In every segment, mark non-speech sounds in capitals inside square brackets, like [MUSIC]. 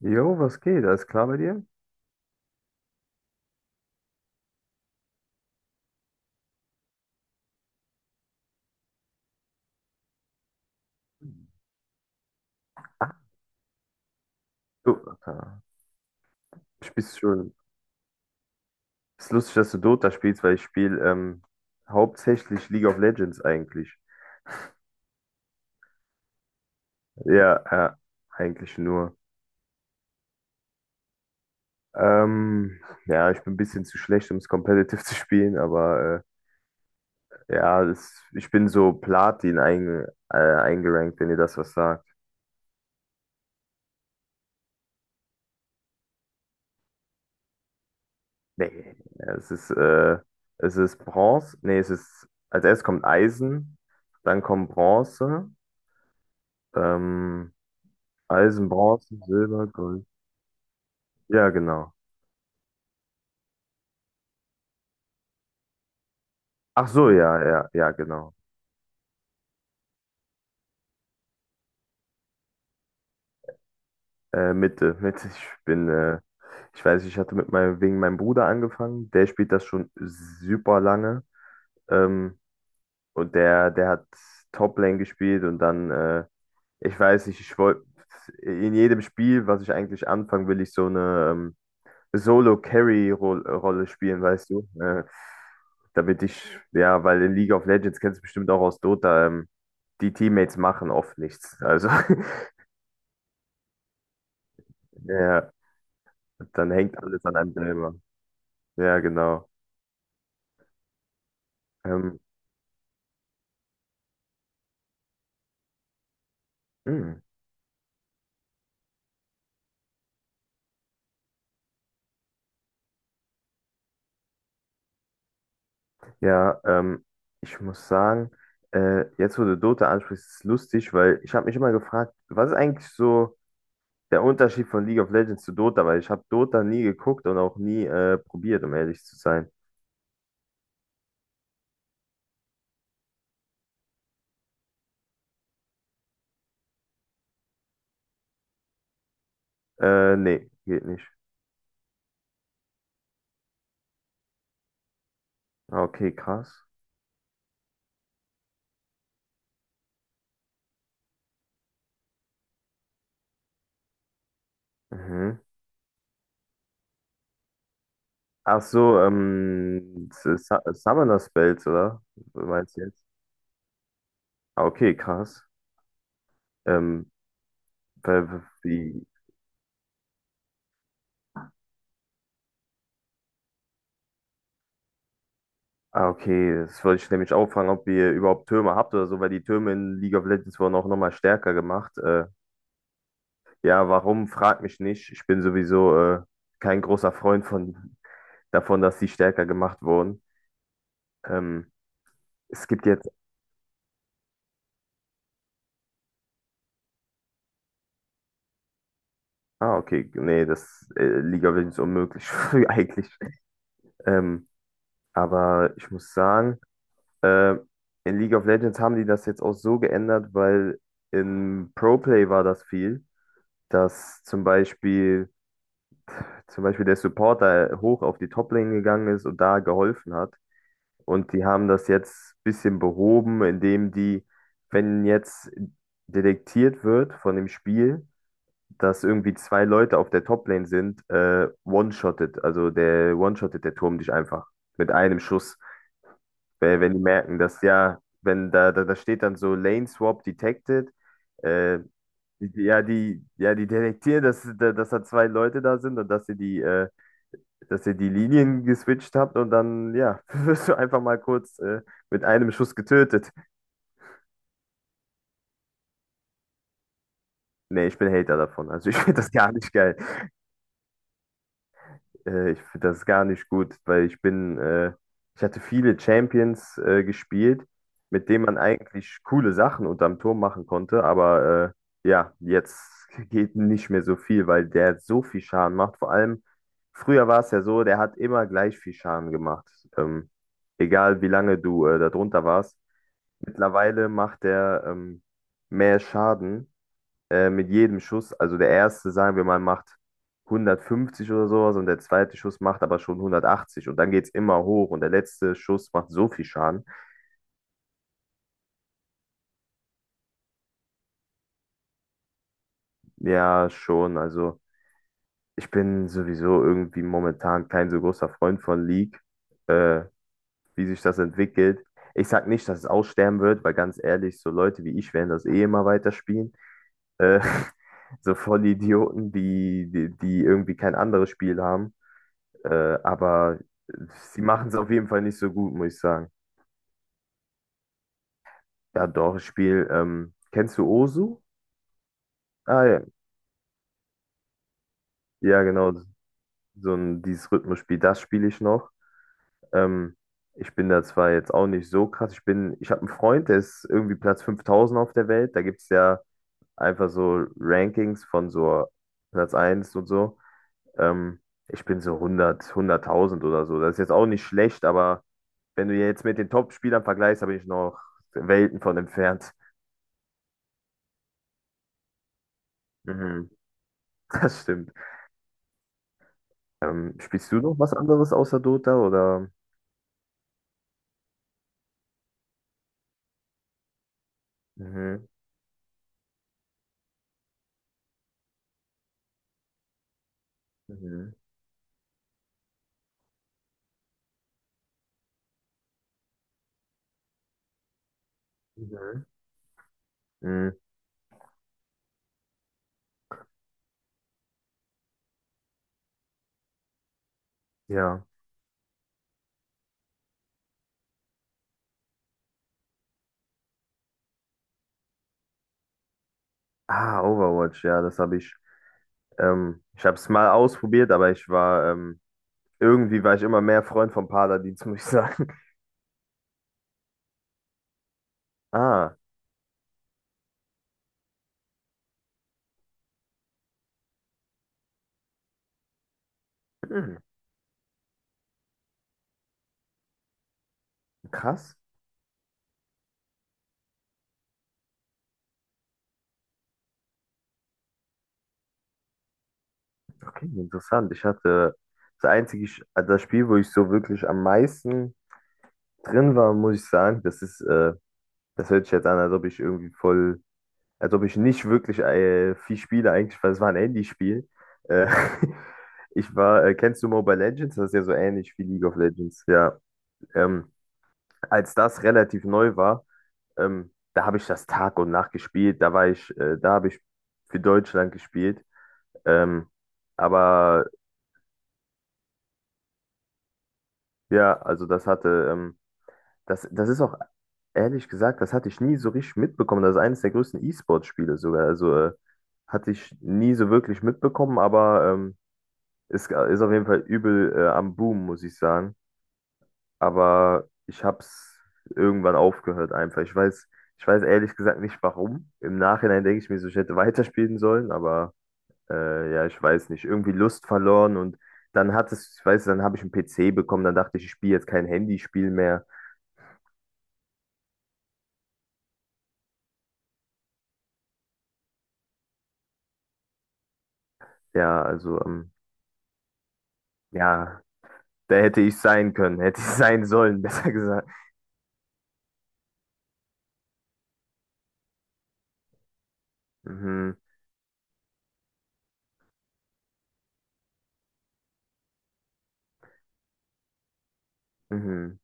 Jo, was geht? Alles klar bei dir? Du, Alter, spielst schon. Ist lustig, dass du Dota spielst, weil ich spiele hauptsächlich League of Legends eigentlich. Ja, ja, eigentlich nur. Ähm, ja, ich bin ein bisschen zu schlecht, um es competitive [LAUGHS] zu spielen, aber ja, ich bin so eingerankt, wenn ihr das was sagt. Nee, es ist, äh, es ist Bronze. Nee, es ist, als erstes kommt Eisen, dann kommt Bronze. Ähm, Eisen, Bronze, Silber, Gold. Ja, genau. Ach so, ja, ja, ja, genau. Mitte, [LAUGHS] Mitte. Ich weiß, ich hatte mit meinem, wegen meinem Bruder angefangen. Der spielt das schon super lange. Ähm, und der hat Top-Lane gespielt und dann, ich weiß nicht, ich wollte in jedem Spiel, was ich eigentlich anfangen will, ich so eine Solo-Carry-Rolle spielen, weißt du? Damit ich, ja, weil in League of Legends kennst du bestimmt auch aus Dota, die Teammates machen oft nichts. Also, [LAUGHS] ja, dann hängt alles an einem selber. Ja, genau. Ähm, hm. Ja, ich muss sagen, jetzt wo du Dota ansprichst, ist es lustig, weil ich habe mich immer gefragt, was ist eigentlich so der Unterschied von League of Legends zu Dota? Weil ich habe Dota nie geguckt und auch nie probiert, um ehrlich zu sein. Nee, geht nicht. Ah, okay, krass. Mhm. Ach so, Summoner Spells, oder? Meinst du jetzt? Ah, okay, krass. Ähm, weil, w- wie, ah, okay, das wollte ich nämlich auch fragen, ob ihr überhaupt Türme habt oder so, weil die Türme in League of Legends wurden auch nochmal stärker gemacht. Ja, warum, frag mich nicht. Ich bin sowieso kein großer Freund davon, dass die stärker gemacht wurden. Ähm, es gibt jetzt, ah, okay, nee, das League of Legends unmöglich, [LAUGHS] eigentlich. Ähm, Aber ich muss sagen, äh, in League of Legends haben die das jetzt auch so geändert, weil in Pro Play war das viel, dass zum Beispiel, zum Beispiel der Supporter hoch auf die Top-Lane gegangen ist und da geholfen hat. Und die haben das jetzt ein bisschen behoben, indem die, wenn jetzt detektiert wird von dem Spiel, dass irgendwie zwei Leute auf der Top-Lane sind, one-shottet der Turm dich einfach mit einem Schuss. Weil, wenn die merken, dass ja, wenn da steht dann so Lane Swap Detected, äh, die detektieren, dass da zwei Leute da sind und dass ihr dass ihr die Linien geswitcht habt und dann, ja, [LAUGHS] wirst du einfach mal kurz mit einem Schuss getötet. Nee, ich bin Hater davon. Also ich finde das gar nicht geil. Ich finde das gar nicht gut, weil ich hatte viele Champions gespielt, mit denen man eigentlich coole Sachen unterm Turm machen konnte, aber ja, jetzt [LAUGHS] geht nicht mehr so viel, weil der so viel Schaden macht. Vor allem, früher war es ja so, der hat immer gleich viel Schaden gemacht. Ähm, Egal wie lange du da drunter warst. Mittlerweile macht der mehr Schaden mit jedem Schuss, also der erste, sagen wir mal, macht 150 oder sowas und der zweite Schuss macht aber schon 180 und dann geht's immer hoch und der letzte Schuss macht so viel Schaden. Ja, schon, also ich bin sowieso irgendwie momentan kein so großer Freund von League, äh, wie sich das entwickelt. Ich sag nicht, dass es aussterben wird, weil ganz ehrlich, so Leute wie ich werden das eh immer weiterspielen. Äh, [LAUGHS] so Vollidioten, die irgendwie kein anderes Spiel haben. Aber sie machen es auf jeden Fall nicht so gut, muss ich sagen. Ja, doch, ich spiele, kennst du Osu? Ah ja, ja genau, so ein dieses Rhythmusspiel, das spiele ich noch. Ähm, Ich bin da zwar jetzt auch nicht so krass, ich habe einen Freund, der ist irgendwie Platz 5.000 auf der Welt, da gibt es ja einfach so Rankings von so Platz eins und so. Ähm, Ich bin so hundert, 100.000 oder so, das ist jetzt auch nicht schlecht, aber wenn du jetzt mit den Top-Spielern vergleichst, da bin ich noch Welten von entfernt. Mhm, [LAUGHS] das stimmt. Spielst du noch was anderes außer Dota oder? Mhm, mhm, mhm, mhm, ja. Ah, Overwatch, ja, das habe ich. Ich habe es mal ausprobiert, aber ich war irgendwie war ich immer mehr Freund von Paladins, [LAUGHS] muss ich sagen. [LAUGHS] Ah, mhm, krass. Okay, interessant. Ich hatte das einzige, Sch- Also das Spiel, wo ich so wirklich am meisten drin war, muss ich sagen, das hört sich jetzt an, als ob ich nicht wirklich viel spiele eigentlich, weil es war ein Handyspiel. Äh, [LAUGHS] Kennst du Mobile Legends? Das ist ja so ähnlich wie League of Legends, ja. Ähm, Als das relativ neu war, da habe ich das Tag und Nacht gespielt. Da habe ich für Deutschland gespielt. Ähm, aber ja, das ist auch ehrlich gesagt, das hatte ich nie so richtig mitbekommen. Das ist eines der größten E-Sport-Spiele sogar. Also hatte ich nie so wirklich mitbekommen, aber ist, ist auf jeden Fall übel am Boom, muss ich sagen. Aber ich hab's irgendwann aufgehört einfach. Ich weiß ehrlich gesagt nicht warum. Im Nachhinein denke ich mir so, ich hätte weiterspielen sollen, aber ja, ich weiß nicht. Irgendwie Lust verloren und dann ich weiß, dann habe ich einen PC bekommen, dann dachte ich, ich spiele jetzt kein Handyspiel mehr. Ja, also, ähm, ja, da hätte ich sein können, [LAUGHS] hätte ich sein sollen, [LAUGHS] besser gesagt. Mhm, mhm.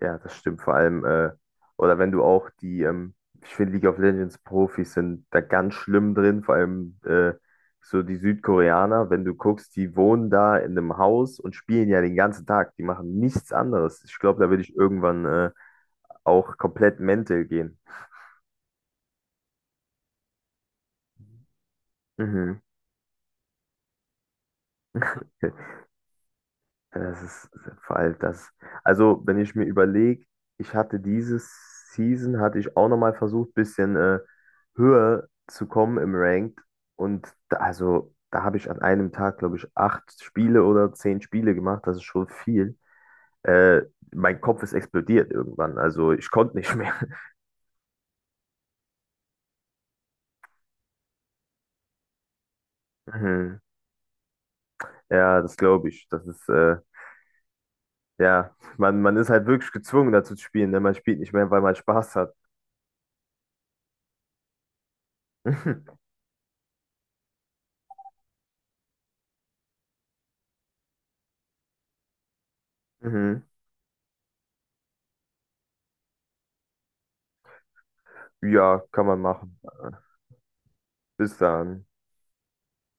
Ja, das stimmt vor allem. Oder wenn du auch ich finde League of Legends Profis sind da ganz schlimm drin, vor allem so die Südkoreaner, wenn du guckst, die wohnen da in einem Haus und spielen ja den ganzen Tag. Die machen nichts anderes. Ich glaube, da würde ich irgendwann auch komplett mental gehen. Mhm. [LAUGHS] Das ist vor allem das. Also, wenn ich mir überlege, ich hatte dieses Season, hatte ich auch nochmal versucht, bisschen höher zu kommen im Ranked. Und da, also, da habe ich an einem Tag, glaube ich, acht Spiele oder zehn Spiele gemacht. Das ist schon viel. Äh, Mein Kopf ist explodiert irgendwann. Also, ich konnte nicht mehr. [LAUGHS] Mhm. Ja, das glaube ich. Ja, man ist halt wirklich gezwungen, dazu zu spielen. Denn man spielt nicht mehr, weil man Spaß hat. [LAUGHS] Mhm. Ja, kann man machen. Bis dann.